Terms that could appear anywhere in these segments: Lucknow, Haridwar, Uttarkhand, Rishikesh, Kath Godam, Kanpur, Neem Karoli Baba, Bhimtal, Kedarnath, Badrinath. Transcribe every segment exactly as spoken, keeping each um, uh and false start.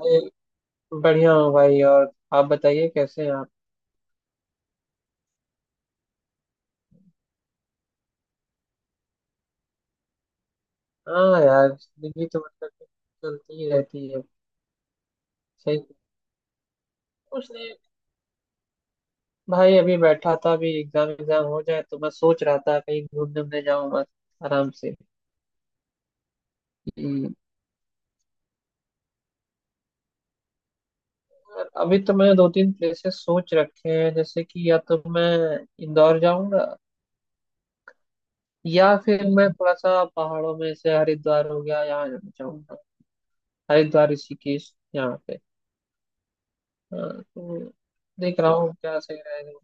अरे, बढ़िया हूँ भाई। और आप बताइए कैसे हैं आप? हाँ यार, जिंदगी तो मतलब कि चलती ही रहती है। सही। कुछ नहीं भाई, अभी बैठा था। अभी एग्जाम एग्जाम हो जाए तो मैं सोच रहा था कहीं घूमने उमने जाऊँ बस, आराम से। हम्म, और अभी तो मैंने दो तीन प्लेसेस सोच रखे हैं। जैसे कि या तो मैं इंदौर जाऊंगा, या फिर मैं थोड़ा सा पहाड़ों में से हरिद्वार हो गया यहाँ जाना चाहूंगा। हरिद्वार ऋषिकेश यहाँ पे। हाँ तो देख रहा हूँ क्या सही रहेगा।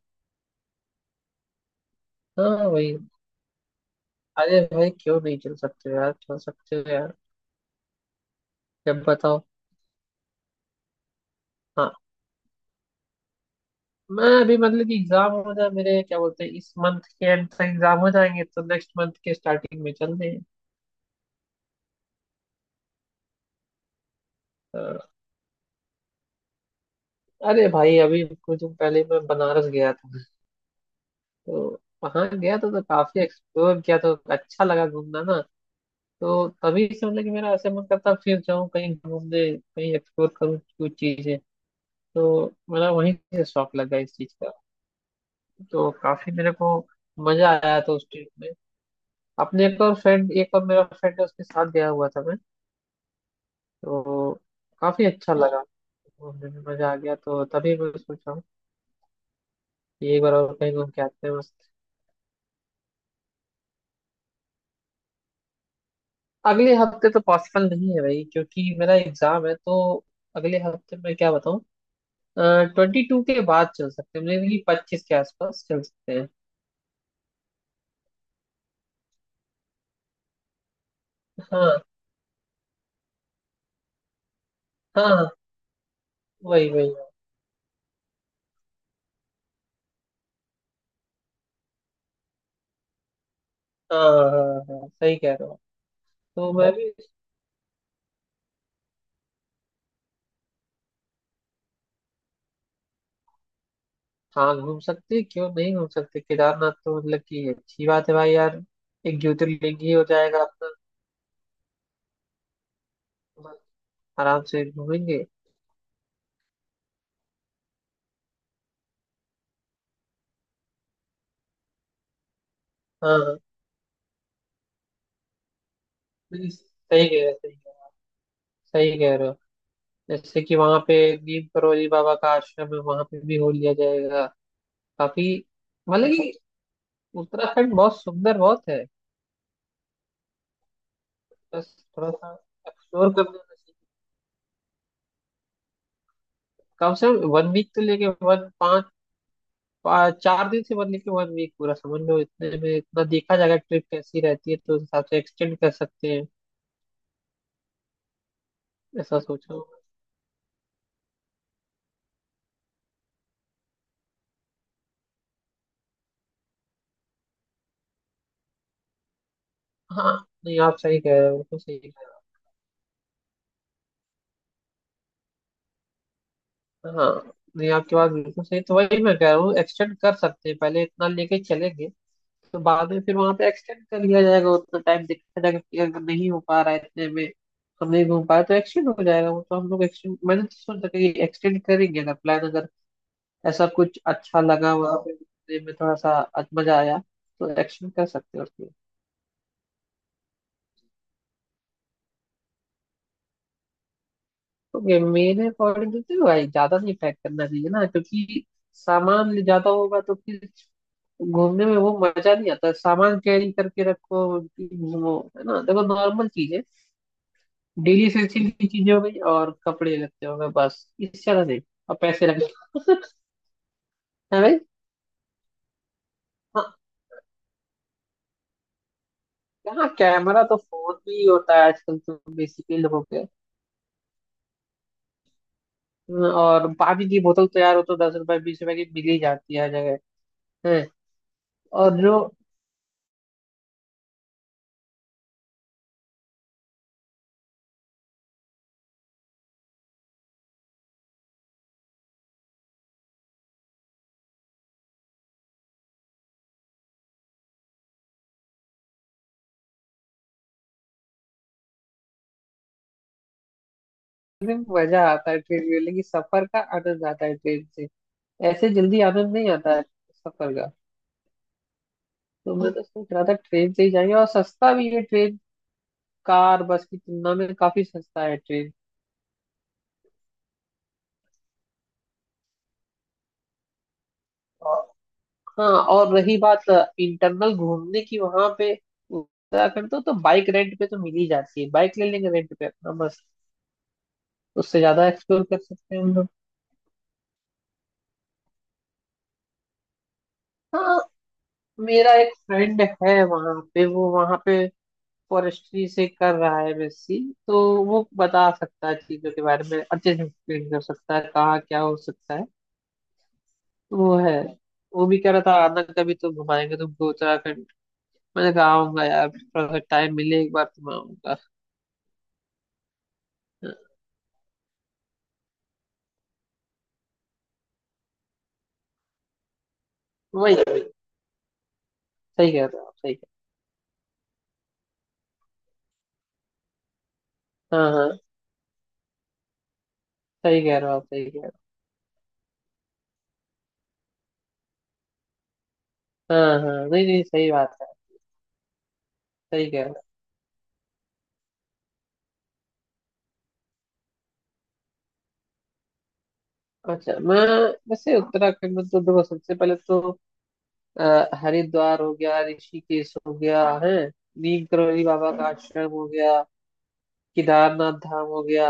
हाँ वही। अरे भाई, क्यों नहीं चल सकते यार, चल सकते हो यार। जब बताओ। हाँ, मैं अभी मतलब कि एग्जाम हो जाए मेरे, क्या बोलते हैं, इस मंथ के एंड तक एग्जाम हो जाएंगे तो नेक्स्ट मंथ के स्टार्टिंग में चल दें। तो- अरे भाई, अभी कुछ दिन पहले मैं बनारस गया था। तो वहाँ गया था तो काफी एक्सप्लोर किया तो अच्छा लगा घूमना ना। तो तभी से मतलब कि मेरा ऐसे मन करता फिर जाऊँ कहीं घूमने, कहीं एक्सप्लोर करूँ कुछ चीजें। तो मेरा वहीं से शौक लगा इस चीज का। तो काफी मेरे को मजा आया था उस ट्रिप में। अपने एक और फ्रेंड, एक और मेरा फ्रेंड है, उसके साथ गया हुआ था मैं। तो काफी अच्छा लगा, घूमने में मजा आ गया। तो तभी मैं सोच रहा हूँ कि एक बार और कहीं घूम के आते हैं बस। अगले हफ्ते तो पॉसिबल नहीं है भाई, क्योंकि मेरा एग्जाम है। तो अगले हफ्ते मैं क्या बताऊँ। ट्वेंटी टू के बाद चल सकते हैं मेरे, पच्चीस के आसपास चल सकते हैं। हाँ हाँ हाँ, वही वही। हाँ हाँ हाँ, सही कह रहे हो। तो मैं भी। हाँ घूम सकते हैं, क्यों नहीं घूम सकते। केदारनाथ तो मतलब कि अच्छी बात है भाई यार। एक ज्योतिर्लिंग ही हो जाएगा अपना। बस आराम से घूमेंगे। हाँ हाँ, नहीं, सही कह रहे हो, सही कह रहे हो, सही कह रहे हो। जैसे कि वहाँ पे नीम करोली बाबा का आश्रम है, वहाँ पे भी हो लिया जाएगा। काफी मतलब कि उत्तराखंड बहुत सुंदर बहुत है। बस थोड़ा सा एक्सप्लोर करने में कम से कम वन वीक तो लेके, वन पाँच पा- चार दिन से बनने के वन वीक पूरा समझ लो। इतने में इतना देखा जाएगा, ट्रिप कैसी रहती है तो उस हिसाब से एक्सटेंड कर सकते हैं। ऐसा सोचा। हाँ, नहीं आप सही कह रहे हो, बिल्कुल सही कह रहे हो। हाँ, नहीं आपकी बात बिल्कुल सही। तो वही मैं कह रहा हूँ एक्सटेंड कर सकते हैं, पहले इतना लेके चलेंगे। तो बाद में फिर वहां पे एक्सटेंड कर लिया जाएगा। उतना टाइम देखा जाएगा कि अगर नहीं हो पा रहा है इतने में, हम नहीं घूम पाए तो एक्सटेंड हो जाएगा। वो तो हम लोग एक्सटेंड, मैंने तो सोचा कि एक्सटेंड करेंगे अगर प्लान, अगर ऐसा कुछ अच्छा लगा वहाँ पे देखने में, थोड़ा सा अच- मजा आया तो एक्शन कर सकते हो उसमें। तो मेरे अकॉर्डिंग तो भाई ज्यादा नहीं पैक करना चाहिए ना, क्योंकि सामान ले ज्यादा होगा तो फिर घूमने में वो मजा नहीं आता। सामान कैरी करके रखो कि घूमो, है ना। देखो नॉर्मल चीजें, डेली एसेंशियल की चीजें हो गई और कपड़े लगते हो गए, बस इससे ज्यादा नहीं। और पैसे लगे हैं भाई। हाँ हाँ, कैमरा तो फोन में ही होता है आजकल तो बेसिकली लोगों के। और पानी की बोतल तो यार, वो तो दस रुपए बीस रुपए की मिल ही जाती है हर जगह। है। और जो एकदम मजा आता है ट्रेन में, लेकिन सफर का आनंद आता है ट्रेन से। ऐसे जल्दी आनंद नहीं आता है सफर का। तो मैं तो सोच रहा था ट्रेन से ही जाएंगे, और सस्ता भी है ट्रेन। कार बस की तुलना में काफी सस्ता है ट्रेन। और हाँ, और रही बात इंटरनल घूमने की वहां पे उत्तराखंड तो, तो बाइक रेंट पे तो मिल ही जाती है, बाइक ले लेंगे रेंट पे अपना बस। उससे ज्यादा एक्सप्लोर कर सकते हैं हम लोग। हाँ, मेरा एक फ्रेंड है वहां पे, वो वहां पे फॉरेस्ट्री से कर रहा है एम एस सी। तो वो बता सकता है चीजों के बारे में, अच्छे से एक्सप्लेन कर सकता है कहाँ क्या हो सकता है। तो वो है। वो भी कह रहा था आना कभी, तो घुमाएंगे तुमको उत्तराखंड। मैंने कहा आऊंगा यार, थोड़ा सा टाइम मिले एक बार तो मैं आऊंगा। हाँ, वही वही। सही कह रहे हो आप, सही कह। हाँ हाँ, सही कह रहे हो आप, सही कह रहे हो। हाँ हाँ, नहीं नहीं, सही बात है। सही कह रहे हो। अच्छा मैं, वैसे उत्तराखंड में तो देखो सबसे पहले तो अ, हरिद्वार हो गया, ऋषिकेश हो गया है, नीम करोली बाबा का आश्रम हो गया, केदारनाथ धाम हो गया,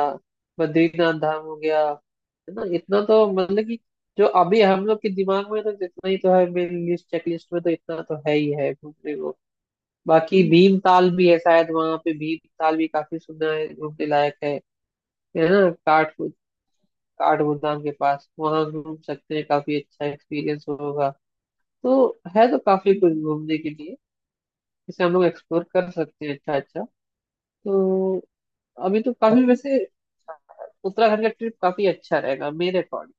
बद्रीनाथ धाम हो गया, है ना। इतना तो मतलब कि जो अभी हम लोग के दिमाग में, तो जितना ही तो है मेरी लिस्ट, चेकलिस्ट में तो इतना तो है ही है घूमने को। बाकी भीमताल भी है शायद वहां पे, भीमताल भी काफी सुना है घूमने लायक है। है ना, काठ काठ गोदाम के पास वहां घूम सकते हैं, काफी अच्छा एक्सपीरियंस होगा। तो है तो काफी कुछ घूमने के लिए जिसे हम लोग एक्सप्लोर कर सकते हैं। अच्छा अच्छा। तो अभी तो काफी वैसे उत्तराखंड का ट्रिप काफी अच्छा रहेगा मेरे अकॉर्डिंग।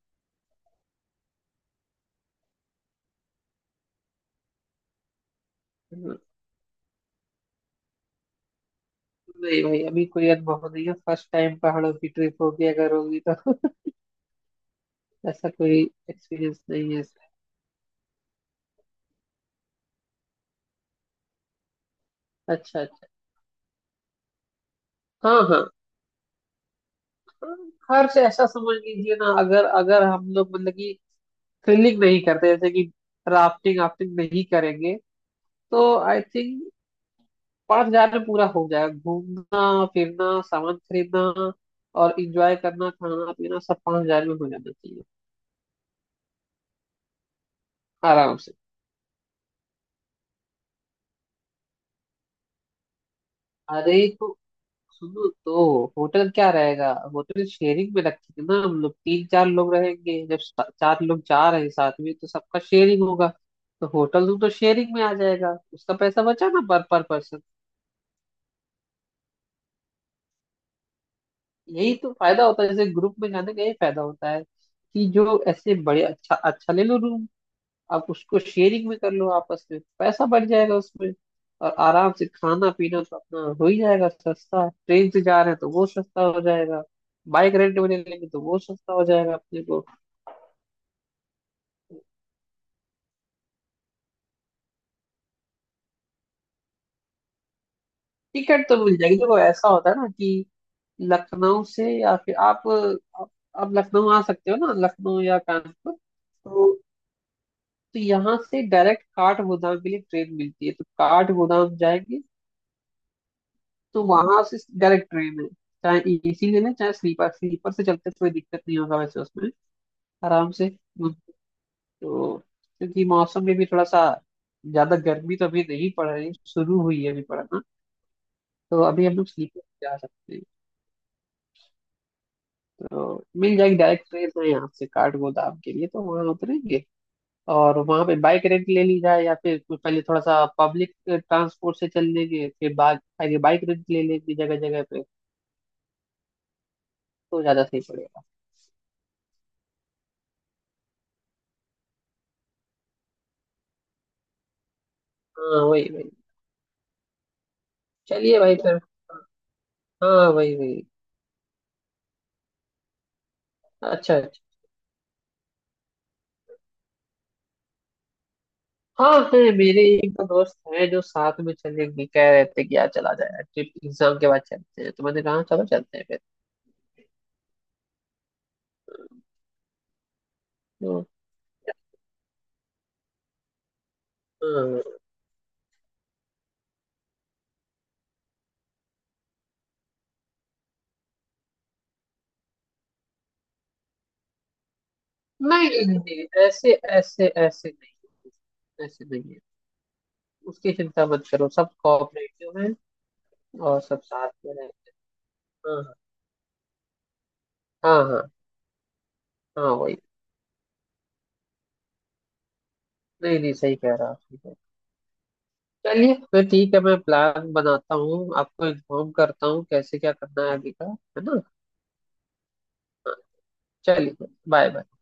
नहीं भाई, अभी कोई अनुभव नहीं है, फर्स्ट टाइम पहाड़ों की ट्रिप होगी अगर होगी तो ऐसा कोई एक्सपीरियंस नहीं है इसका। अच्छा अच्छा। हाँ हाँ हाँ, खर्च ऐसा समझ लीजिए ना, अगर अगर हम लोग मतलब कि थ्रिलिंग नहीं करते, जैसे कि राफ्टिंग, राफ्टिंग नहीं करेंगे तो आई थिंक पांच हजार में पूरा हो जाएगा, घूमना फिरना सामान खरीदना और इंजॉय करना, खाना पीना सब पांच हजार में हो जाना चाहिए आराम से। अरे तो सुनो, तो होटल क्या रहेगा, होटल शेयरिंग में रखेंगे ना। हम लोग तीन चार लोग रहेंगे, जब सा- चार लोग जा रहे हैं साथ में तो सबका शेयरिंग होगा। तो होटल रूम तो शेयरिंग में आ जाएगा, उसका पैसा बचा ना पर पर पर्सन। यही तो फायदा होता है, जैसे ग्रुप में जाने का यही फायदा होता है कि जो ऐसे बड़े अच्छा अच्छा ले लो रूम, आप उसको शेयरिंग भी कर लो आपस में, पैसा बढ़ जाएगा उसमें। और आराम से खाना पीना तो अपना हो ही जाएगा सस्ता है। ट्रेन से जा रहे हैं तो वो सस्ता हो जाएगा। बाइक रेंट में ले लेंगे तो वो सस्ता हो जाएगा अपने को। टिकट तो मिल जाएगी। देखो ऐसा होता है ना कि लखनऊ से, या फिर आप आप, आप लखनऊ आ सकते हो ना, लखनऊ या कानपुर तो। तो यहाँ से डायरेक्ट काठगोदाम के लिए ट्रेन मिलती है, तो काठगोदाम जाएंगे। तो वहां से डायरेक्ट ट्रेन है, चाहे एसी लेना चाहे स्लीपर, स्लीपर से चलते कोई दिक्कत नहीं होगा वैसे उसमें, आराम से। तो क्योंकि मौसम में भी थोड़ा सा, ज्यादा गर्मी तो अभी नहीं पड़ रही, शुरू हुई है अभी पड़ना। तो अभी हम लोग स्लीपर से जा सकते हैं। तो मिल जाएगी, डायरेक्ट ट्रेन है यहाँ से काठगोदाम के लिए, तो वहां उतरेंगे। और वहां पे बाइक रेंट ले ली जाए, या फिर कोई पहले थोड़ा सा पब्लिक ट्रांसपोर्ट से चल लेंगे, फिर बाद आगे बाइक रेंट ले लेंगे जगह जगह पे, तो ज्यादा सही पड़ेगा। हाँ वही वही। चलिए भाई फिर। हाँ वही वही। अच्छा अच्छा। हाँ है मेरे एक दो दोस्त हैं जो साथ में चलेंगे, कह रहे थे कि यार चला जाए ट्रिप, एग्जाम के बाद चलते हैं, तो मैंने कहा चलो चलते हैं फिर। तो, हाँ, नहीं नहीं नहीं, ऐसे ऐसे ऐसे नहीं है, ऐसे नहीं है। उसकी चिंता मत करो, सब कोऑपरेटिव हैं और सब साथ में हैं। हाँ हाँ। हाँ हाँ वही। नहीं नहीं, सही कह रहा आप, ठीक है। चलिए फिर ठीक है, मैं प्लान बनाता हूँ, आपको इन्फॉर्म करता हूँ कैसे क्या करना है अभी का, है ना। चलिए। Bye bye.